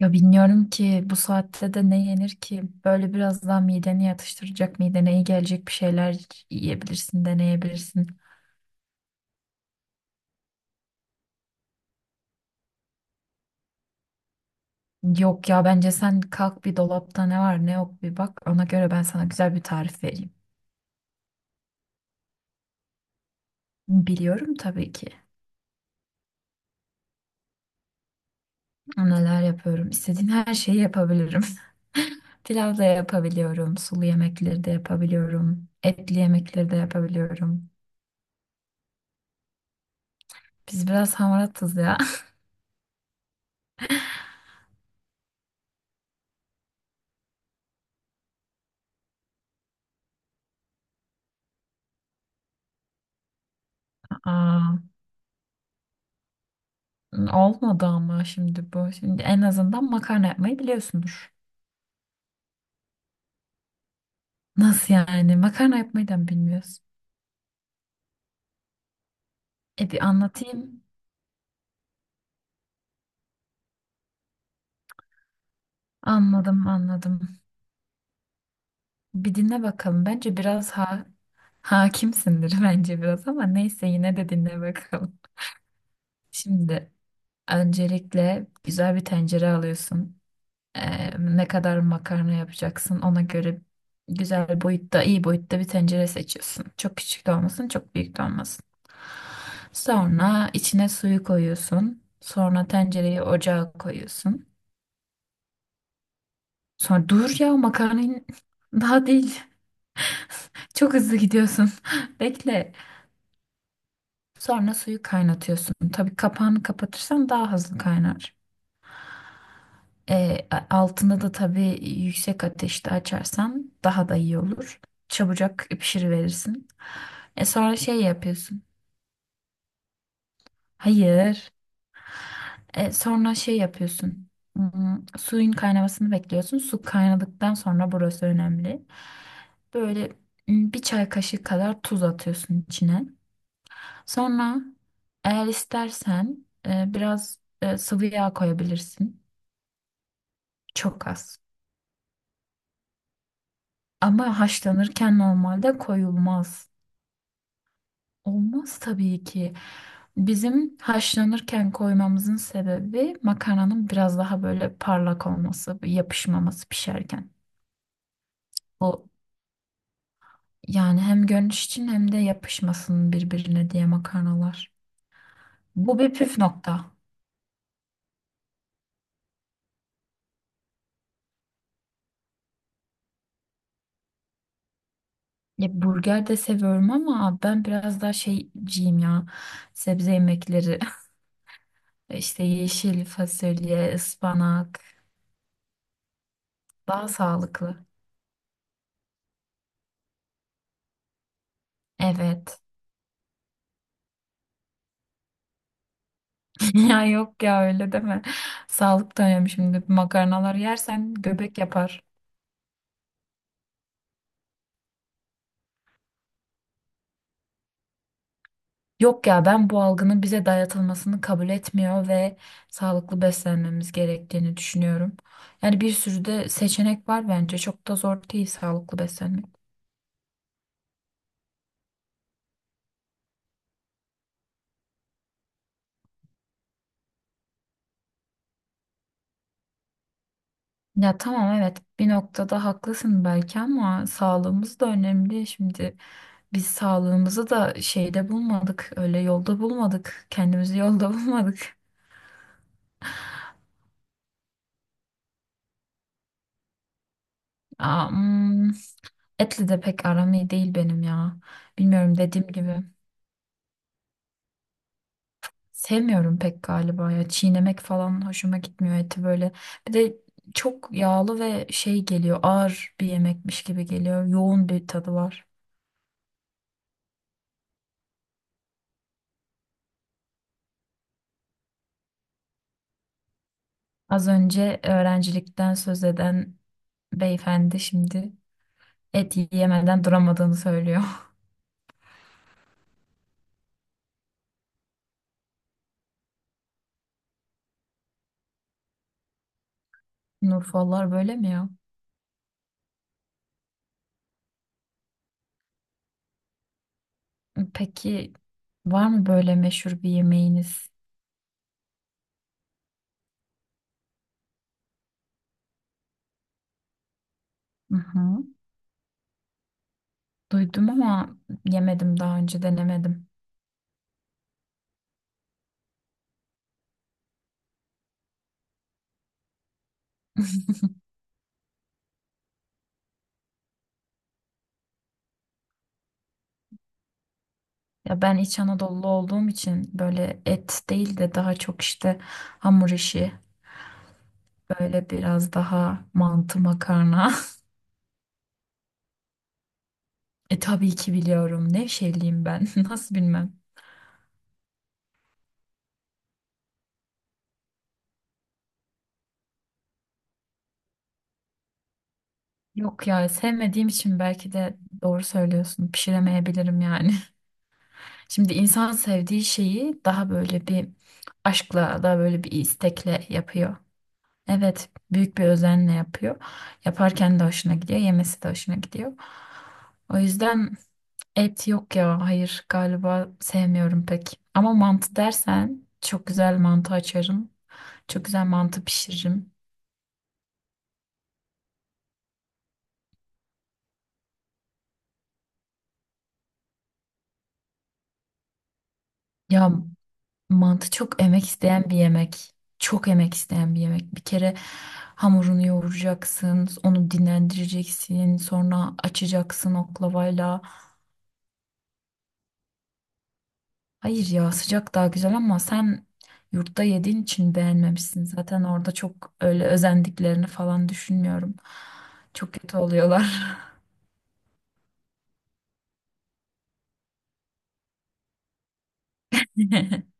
Ya bilmiyorum ki bu saatte de ne yenir ki? Böyle biraz daha mideni yatıştıracak, midene iyi gelecek bir şeyler yiyebilirsin, deneyebilirsin. Yok ya bence sen kalk bir dolapta ne var ne yok bir bak. Ona göre ben sana güzel bir tarif vereyim. Biliyorum tabii ki neler yapıyorum. İstediğin her şeyi yapabilirim. Pilav da yapabiliyorum, sulu yemekleri de yapabiliyorum, etli yemekleri de yapabiliyorum. Biz biraz hamaratız ya. Aa. Olmadı ama şimdi bu. Şimdi en azından makarna yapmayı biliyorsundur. Nasıl yani? Makarna yapmayı da mı bilmiyorsun? E bir anlatayım. Anladım, anladım. Bir dinle bakalım. Bence biraz hakimsindir bence biraz ama neyse yine de dinle bakalım. Şimdi öncelikle güzel bir tencere alıyorsun. Ee, ne kadar makarna yapacaksın ona göre güzel boyutta, iyi boyutta bir tencere seçiyorsun. Çok küçük de olmasın, çok büyük de olmasın. Sonra içine suyu koyuyorsun. Sonra tencereyi ocağa koyuyorsun. Sonra dur ya makarnayı daha değil. Çok hızlı gidiyorsun. Bekle. Sonra suyu kaynatıyorsun. Tabii kapağını kapatırsan daha hızlı kaynar. E, altını da tabii yüksek ateşte açarsan daha da iyi olur. Çabucak pişiriverirsin. Sonra şey yapıyorsun. Hayır. Sonra şey yapıyorsun. Hmm, suyun kaynamasını bekliyorsun. Su kaynadıktan sonra burası önemli. Böyle bir çay kaşığı kadar tuz atıyorsun içine. Sonra eğer istersen biraz sıvı yağ koyabilirsin. Çok az. Ama haşlanırken normalde koyulmaz. Olmaz tabii ki. Bizim haşlanırken koymamızın sebebi makarnanın biraz daha böyle parlak olması, yapışmaması pişerken. O yani hem görünüş için hem de yapışmasın birbirine diye makarnalar. Bu bir püf nokta. Ya burger de seviyorum ama ben biraz daha şeyciyim ya. Sebze yemekleri, işte yeşil fasulye, ıspanak daha sağlıklı. Evet. Ya yok ya öyle deme. Sağlık da önemli şimdi. Makarnalar yersen göbek yapar. Yok ya ben bu algının bize dayatılmasını kabul etmiyor ve sağlıklı beslenmemiz gerektiğini düşünüyorum. Yani bir sürü de seçenek var bence. Çok da zor değil sağlıklı beslenmek. Ya tamam evet bir noktada haklısın belki ama sağlığımız da önemli. Şimdi biz sağlığımızı da şeyde bulmadık. Öyle yolda bulmadık. Kendimizi yolda bulmadık. Aa, hmm, etle de pek aram iyi değil benim ya. Bilmiyorum dediğim gibi. Sevmiyorum pek galiba ya. Çiğnemek falan hoşuma gitmiyor eti böyle. Bir de çok yağlı ve şey geliyor. Ağır bir yemekmiş gibi geliyor. Yoğun bir tadı var. Az önce öğrencilikten söz eden beyefendi şimdi et yiyemeden duramadığını söylüyor. Nurfallar böyle mi ya? Peki var mı böyle meşhur bir yemeğiniz? Hı hı. Duydum ama yemedim daha önce denemedim. Ya ben İç Anadolu olduğum için böyle et değil de daha çok işte hamur işi böyle biraz daha mantı makarna. E tabii ki biliyorum. Nevşehirliyim ben. Nasıl bilmem. Yok ya sevmediğim için belki de doğru söylüyorsun. Pişiremeyebilirim yani. Şimdi insan sevdiği şeyi daha böyle bir aşkla, daha böyle bir istekle yapıyor. Evet, büyük bir özenle yapıyor. Yaparken de hoşuna gidiyor, yemesi de hoşuna gidiyor. O yüzden et yok ya, hayır galiba sevmiyorum pek. Ama mantı dersen çok güzel mantı açarım. Çok güzel mantı pişiririm. Ya mantı çok emek isteyen bir yemek. Bir kere hamurunu yoğuracaksın, onu dinlendireceksin, sonra açacaksın oklavayla. Hayır ya sıcak daha güzel ama sen yurtta yediğin için beğenmemişsin. Zaten orada çok öyle özendiklerini falan düşünmüyorum. Çok kötü oluyorlar.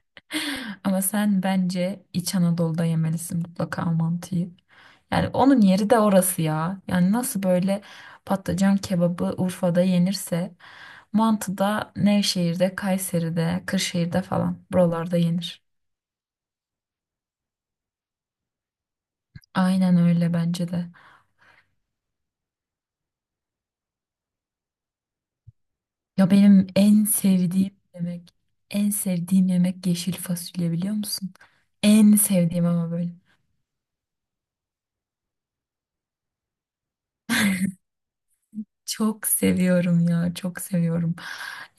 Ama sen bence İç Anadolu'da yemelisin mutlaka mantıyı. Yani onun yeri de orası ya. Yani nasıl böyle patlıcan kebabı Urfa'da yenirse mantı da Nevşehir'de, Kayseri'de, Kırşehir'de falan buralarda yenir. Aynen öyle bence de. Ya benim en sevdiğim yemek, en sevdiğim yemek yeşil fasulye biliyor musun? En sevdiğim ama böyle. Çok seviyorum ya, çok seviyorum.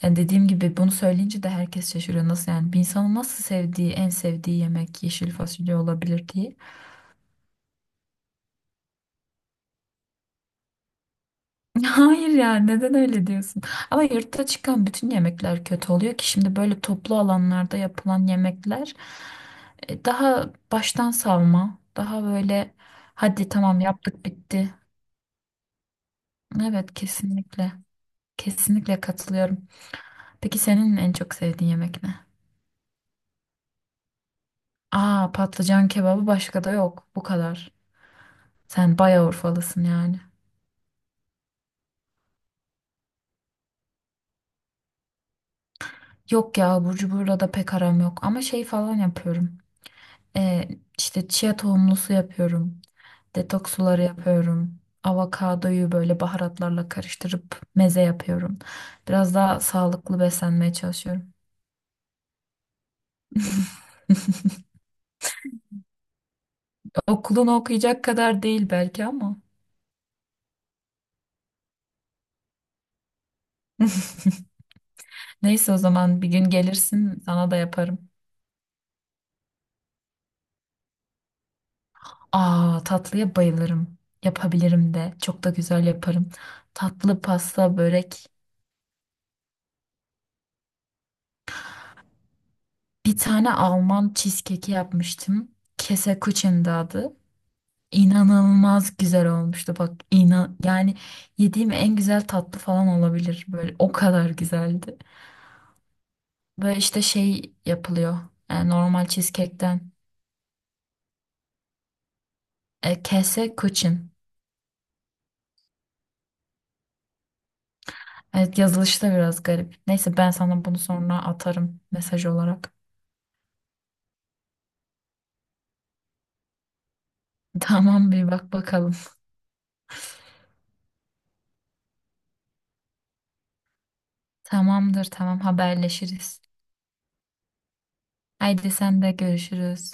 Yani dediğim gibi bunu söyleyince de herkes şaşırıyor. Nasıl yani bir insanın nasıl sevdiği, en sevdiği yemek yeşil fasulye olabilir diye. Hayır ya neden öyle diyorsun? Ama yurtta çıkan bütün yemekler kötü oluyor ki şimdi böyle toplu alanlarda yapılan yemekler daha baştan savma, daha böyle hadi tamam yaptık bitti. Evet kesinlikle. Kesinlikle katılıyorum. Peki senin en çok sevdiğin yemek ne? Aa patlıcan kebabı başka da yok. Bu kadar. Sen bayağı Urfalısın yani. Yok ya burcu burada da pek aram yok ama şey falan yapıyorum. E, işte chia tohumlu su yapıyorum. Detoks suları yapıyorum. Avokadoyu böyle baharatlarla karıştırıp meze yapıyorum. Biraz daha sağlıklı beslenmeye çalışıyorum. Okulunu okuyacak kadar değil belki ama. Neyse o zaman bir gün gelirsin sana da yaparım. Aa tatlıya bayılırım. Yapabilirim de. Çok da güzel yaparım. Tatlı pasta börek. Bir tane Alman cheesecake'i yapmıştım. Kese adı. İnanılmaz güzel olmuştu bak inan yani yediğim en güzel tatlı falan olabilir böyle o kadar güzeldi. Böyle işte şey yapılıyor normal cheesecake'ten kese kuchen. Evet yazılışı da biraz garip. Neyse ben sana bunu sonra atarım mesaj olarak. Tamam bir bak bakalım. Tamamdır tamam haberleşiriz. Haydi sen de görüşürüz.